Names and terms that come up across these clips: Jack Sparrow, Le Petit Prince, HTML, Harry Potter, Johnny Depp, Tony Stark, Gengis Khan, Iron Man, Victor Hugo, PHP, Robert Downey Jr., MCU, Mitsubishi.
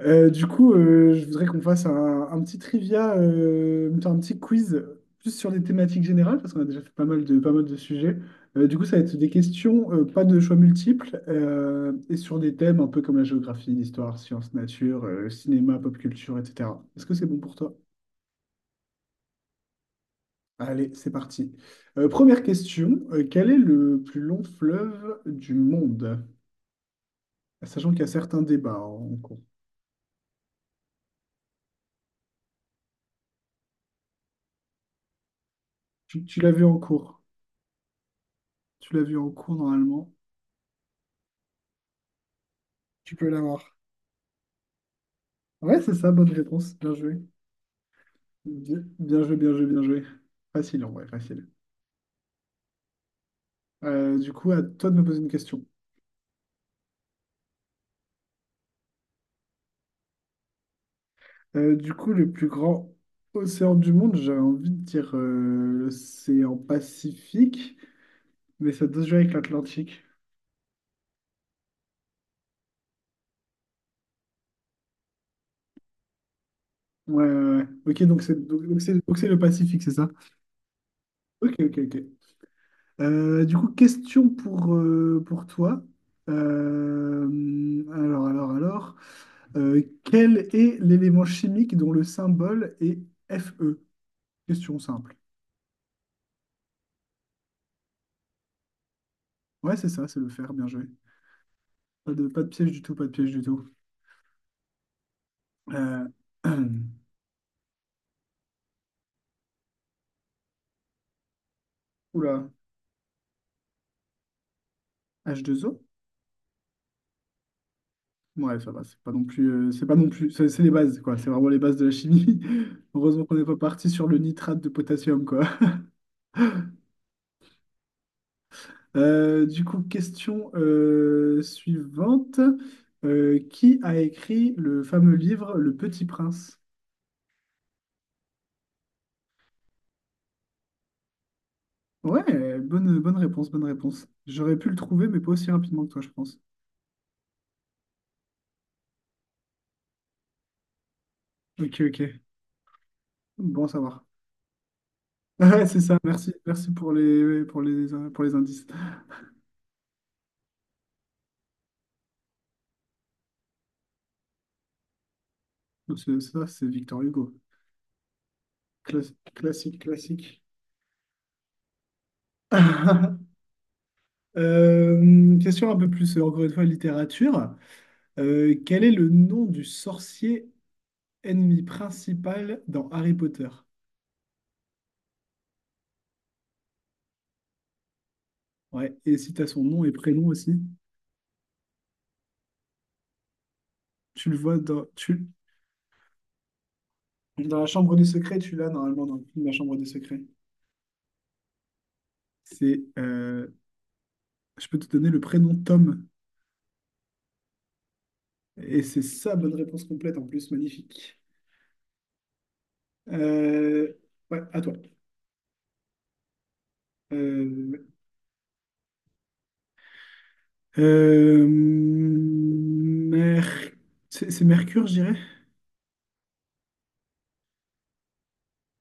Du coup, je voudrais qu'on fasse un petit trivia, plutôt un petit quiz, plus sur des thématiques générales, parce qu'on a déjà fait pas mal de sujets. Du coup, ça va être des questions, pas de choix multiples, et sur des thèmes un peu comme la géographie, l'histoire, sciences, nature, cinéma, pop culture, etc. Est-ce que c'est bon pour toi? Allez, c'est parti. Première question, quel est le plus long fleuve du monde? Sachant qu'il y a certains débats en cours. Tu l'as vu en cours. Tu l'as vu en cours normalement. Tu peux l'avoir. Ouais, c'est ça, bonne réponse. Bien joué. Bien, bien joué, bien joué, bien joué. Facile, en vrai, facile. Du coup, à toi de me poser une question. Du coup, le plus grand océan du monde, j'avais envie de dire l'océan Pacifique, mais ça doit se jouer avec l'Atlantique. Ouais, ouais, ouais. Ok, donc c'est le Pacifique, c'est ça? Ok, ok, ok. Du coup, question pour toi. Alors. Quel est l'élément chimique dont le symbole est Fe? Question simple. Ouais, c'est ça, c'est le fer, bien joué. Pas de piège du tout, pas de piège du tout. Euh, Oula, H2O? Ouais, ça va, c'est pas non plus, c'est les bases, quoi. C'est vraiment les bases de la chimie. Heureusement qu'on n'est pas parti sur le nitrate de potassium, quoi. Du coup, question suivante. Qui a écrit le fameux livre Le Petit Prince? Ouais, bonne réponse, bonne réponse. J'aurais pu le trouver, mais pas aussi rapidement que toi, je pense. Ok, ok. Bon à savoir. Ouais, c'est ça. Merci, merci pour les indices. Ça, c'est Victor Hugo. Classique, classique. Question un peu plus, encore une fois, littérature. Quel est le nom du sorcier ennemi principal dans Harry Potter? Ouais, et si tu as son nom et prénom aussi, tu le vois dans la chambre des secrets, tu l'as normalement dans le film La chambre des secrets. C'est, euh, je peux te donner le prénom Tom. Et c'est ça, bonne réponse complète en plus, magnifique. Euh, ouais, à toi. Euh, euh, Mer- c'est Mercure, je dirais.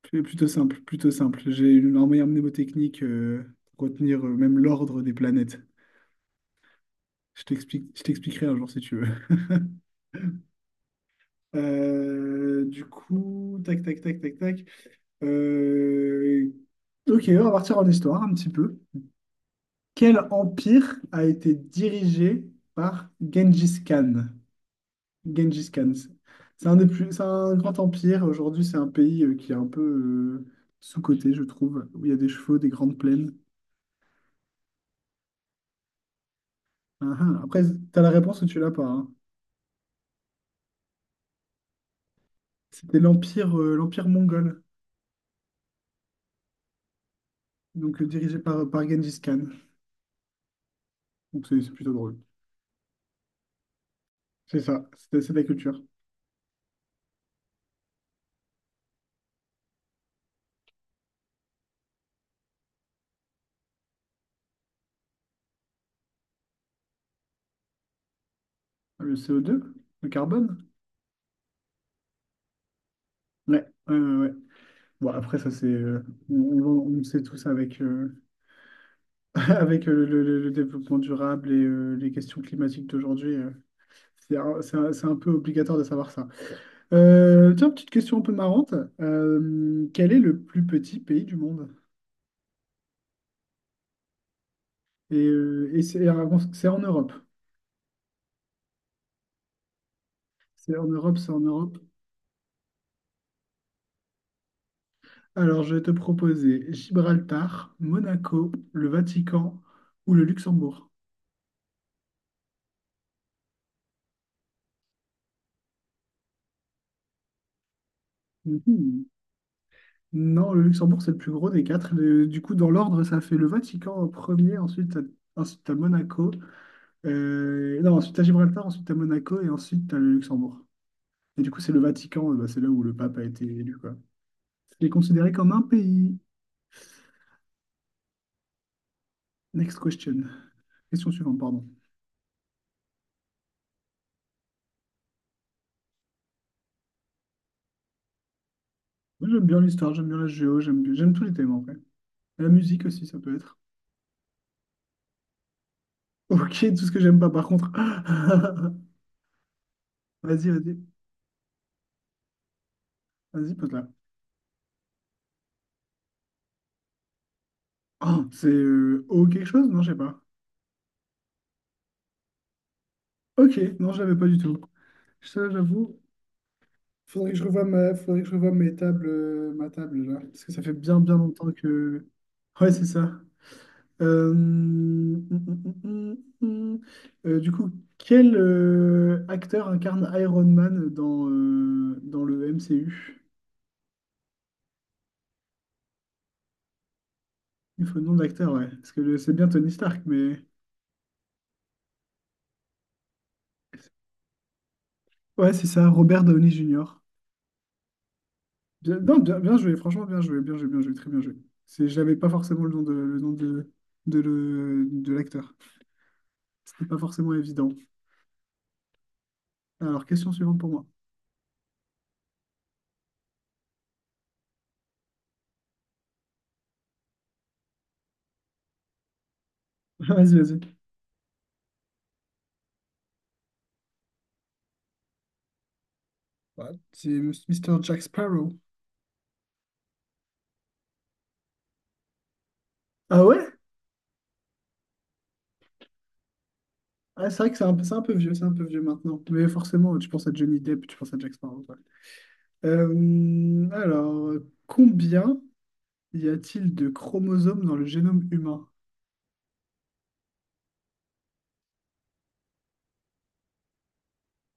Plutôt simple, plutôt simple. J'ai une en meilleure mnémotechnique, pour retenir, même l'ordre des planètes. Je t'explique, je t'expliquerai un jour si tu veux. Du coup, tac, tac, tac, tac, tac. Euh, Ok, on va partir en histoire un petit peu. Quel empire a été dirigé par Gengis Khan? Gengis Khan, c'est un des plus, c'est un grand empire. Aujourd'hui, c'est un pays, qui est un peu, sous-coté, je trouve, où il y a des chevaux, des grandes plaines. Ah, ah. Après, tu as la réponse ou tu l'as pas, hein. C'était l'empire mongol, donc dirigé par Gengis Khan. Donc c'est plutôt drôle. C'est ça, c'est de la culture. Ah, le CO2, le carbone? Ouais, ouais, ouais, ouais. Bon, après, ça, c'est. On le sait tous avec, avec, le développement durable et, les questions climatiques d'aujourd'hui. C'est un peu obligatoire de savoir ça. Tiens, petite question un peu marrante. Quel est le plus petit pays du monde? Et c'est alors, c'est en Europe. C'est en Europe, c'est en Europe. Alors, je vais te proposer Gibraltar, Monaco, le Vatican ou le Luxembourg. Mhm. Non, le Luxembourg, c'est le plus gros des quatre. Du coup, dans l'ordre, ça fait le Vatican en premier, ensuite t'as Monaco, non, ensuite à Gibraltar, ensuite à Monaco et ensuite à le Luxembourg. Et du coup, c'est le Vatican, bah, c'est là où le pape a été élu, quoi. Il est considéré comme un pays. Next question. Question suivante, pardon. Moi, j'aime bien l'histoire, j'aime bien la géo, j'aime tous les thèmes en vrai. La musique aussi, ça peut être. Ok, tout ce que j'aime pas par contre. Vas-y, vas-y, vas-y, pose-la. Oh, c'est O quelque chose? Non, je sais pas. Ok, non, je l'avais pas du tout. Ça, j'avoue, faudrait que je revoie mes tables, ma table là, parce que ça fait bien bien longtemps que. Ouais, c'est ça. Euh, hum, hum, hum, hum, hum. Du coup, quel acteur incarne Iron Man dans le MCU? Il faut le nom d'acteur, ouais. Parce que c'est bien Tony Stark, mais. Ouais, c'est ça, Robert Downey Jr. Bien, non, bien, bien joué, franchement, bien joué, bien joué, bien joué, très bien joué. C'est, j'avais pas forcément le nom de l'acteur. C'était pas forcément évident. Alors, question suivante pour moi. Vas-y, vas-y. Ouais, c'est Mister Jack Sparrow. Ah ouais? Ah, c'est vrai que c'est un peu vieux, c'est un peu vieux maintenant. Mais forcément, tu penses à Johnny Depp, tu penses à Jack Sparrow, quoi. Alors, combien y a-t-il de chromosomes dans le génome humain?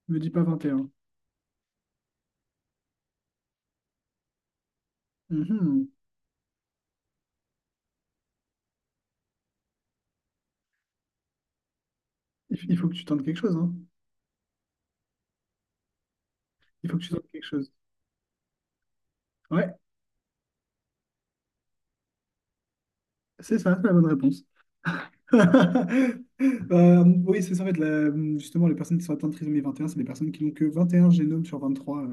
Me dis pas 21. Mhm. Il faut que tu tentes quelque chose, hein. Il faut que tu tentes quelque chose. Ouais, c'est ça, c'est la bonne réponse. Oui, c'est ça, en fait, justement, les personnes qui sont atteintes de trisomie 21 c'est des personnes qui n'ont que 21 génomes sur 23,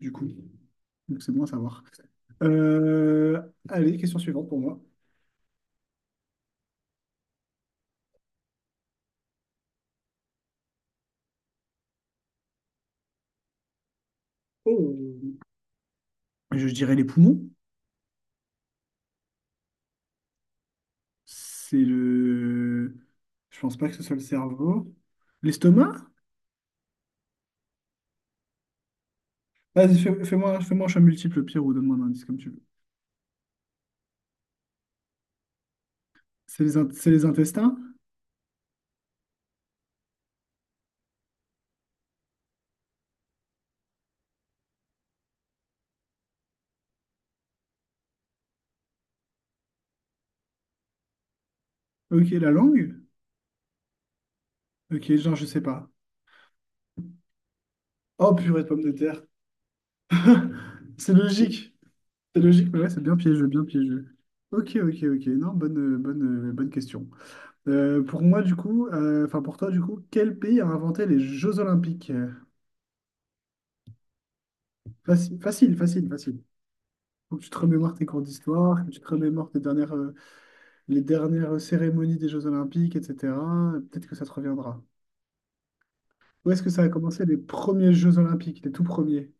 du coup. Donc c'est bon à savoir. Euh, Allez, question suivante pour moi. Oh. Je dirais les poumons. C'est le... Je pense pas que ce soit le cerveau. L'estomac? Vas-y, fais-moi un choix multiple, pire, ou donne-moi un indice comme tu veux. C'est les intestins? Ok, la langue? Ok, genre, je sais pas. Oh, purée de pommes de terre. C'est logique. C'est logique, mais ouais, c'est bien piégeux, bien piégeux. Ok, ok, ok. Non, bonne, bonne question. Pour moi, du coup, enfin pour toi, du coup, quel pays a inventé les Jeux Olympiques? Facile, facile, facile, facile. Faut que tu te remémores tes cours d'histoire, que tu te remémores les dernières cérémonies des Jeux Olympiques, etc. Peut-être que ça te reviendra. Où est-ce que ça a commencé les premiers Jeux Olympiques, les tout premiers?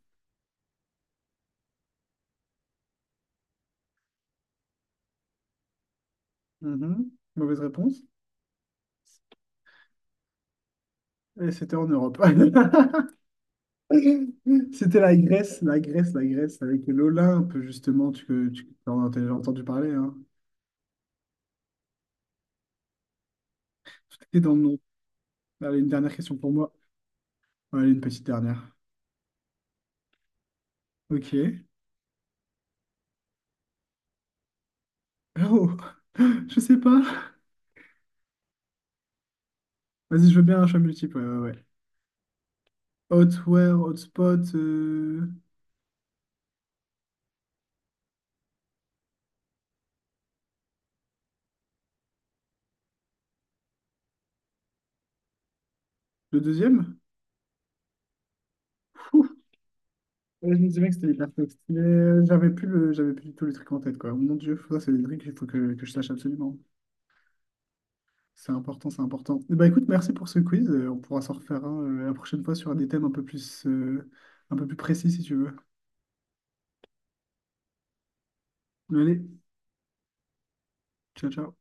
Mhm. Mauvaise réponse. Et c'était en Europe. C'était la Grèce, la Grèce, la Grèce, avec l'Olympe, justement, tu en as entendu parler, hein. Tout était dans le nom. Allez, une dernière question pour moi. Ouais, allez, une petite dernière. Ok. Oh, je sais pas. Vas-y, je veux bien un choix multiple. Ouais, ouais, ouais. Hotware, hotspot, le deuxième? Pouf. Ouais, je me disais bien que c'était hyper texte. Mais j'avais plus du tout le truc en tête, quoi. Mon Dieu, ça, c'est des trucs qu'il faut que je sache absolument. C'est important, c'est important. Eh ben, écoute, merci pour ce quiz. On pourra s'en refaire un la prochaine fois sur des thèmes un peu plus précis, si tu veux. Allez, ciao, ciao.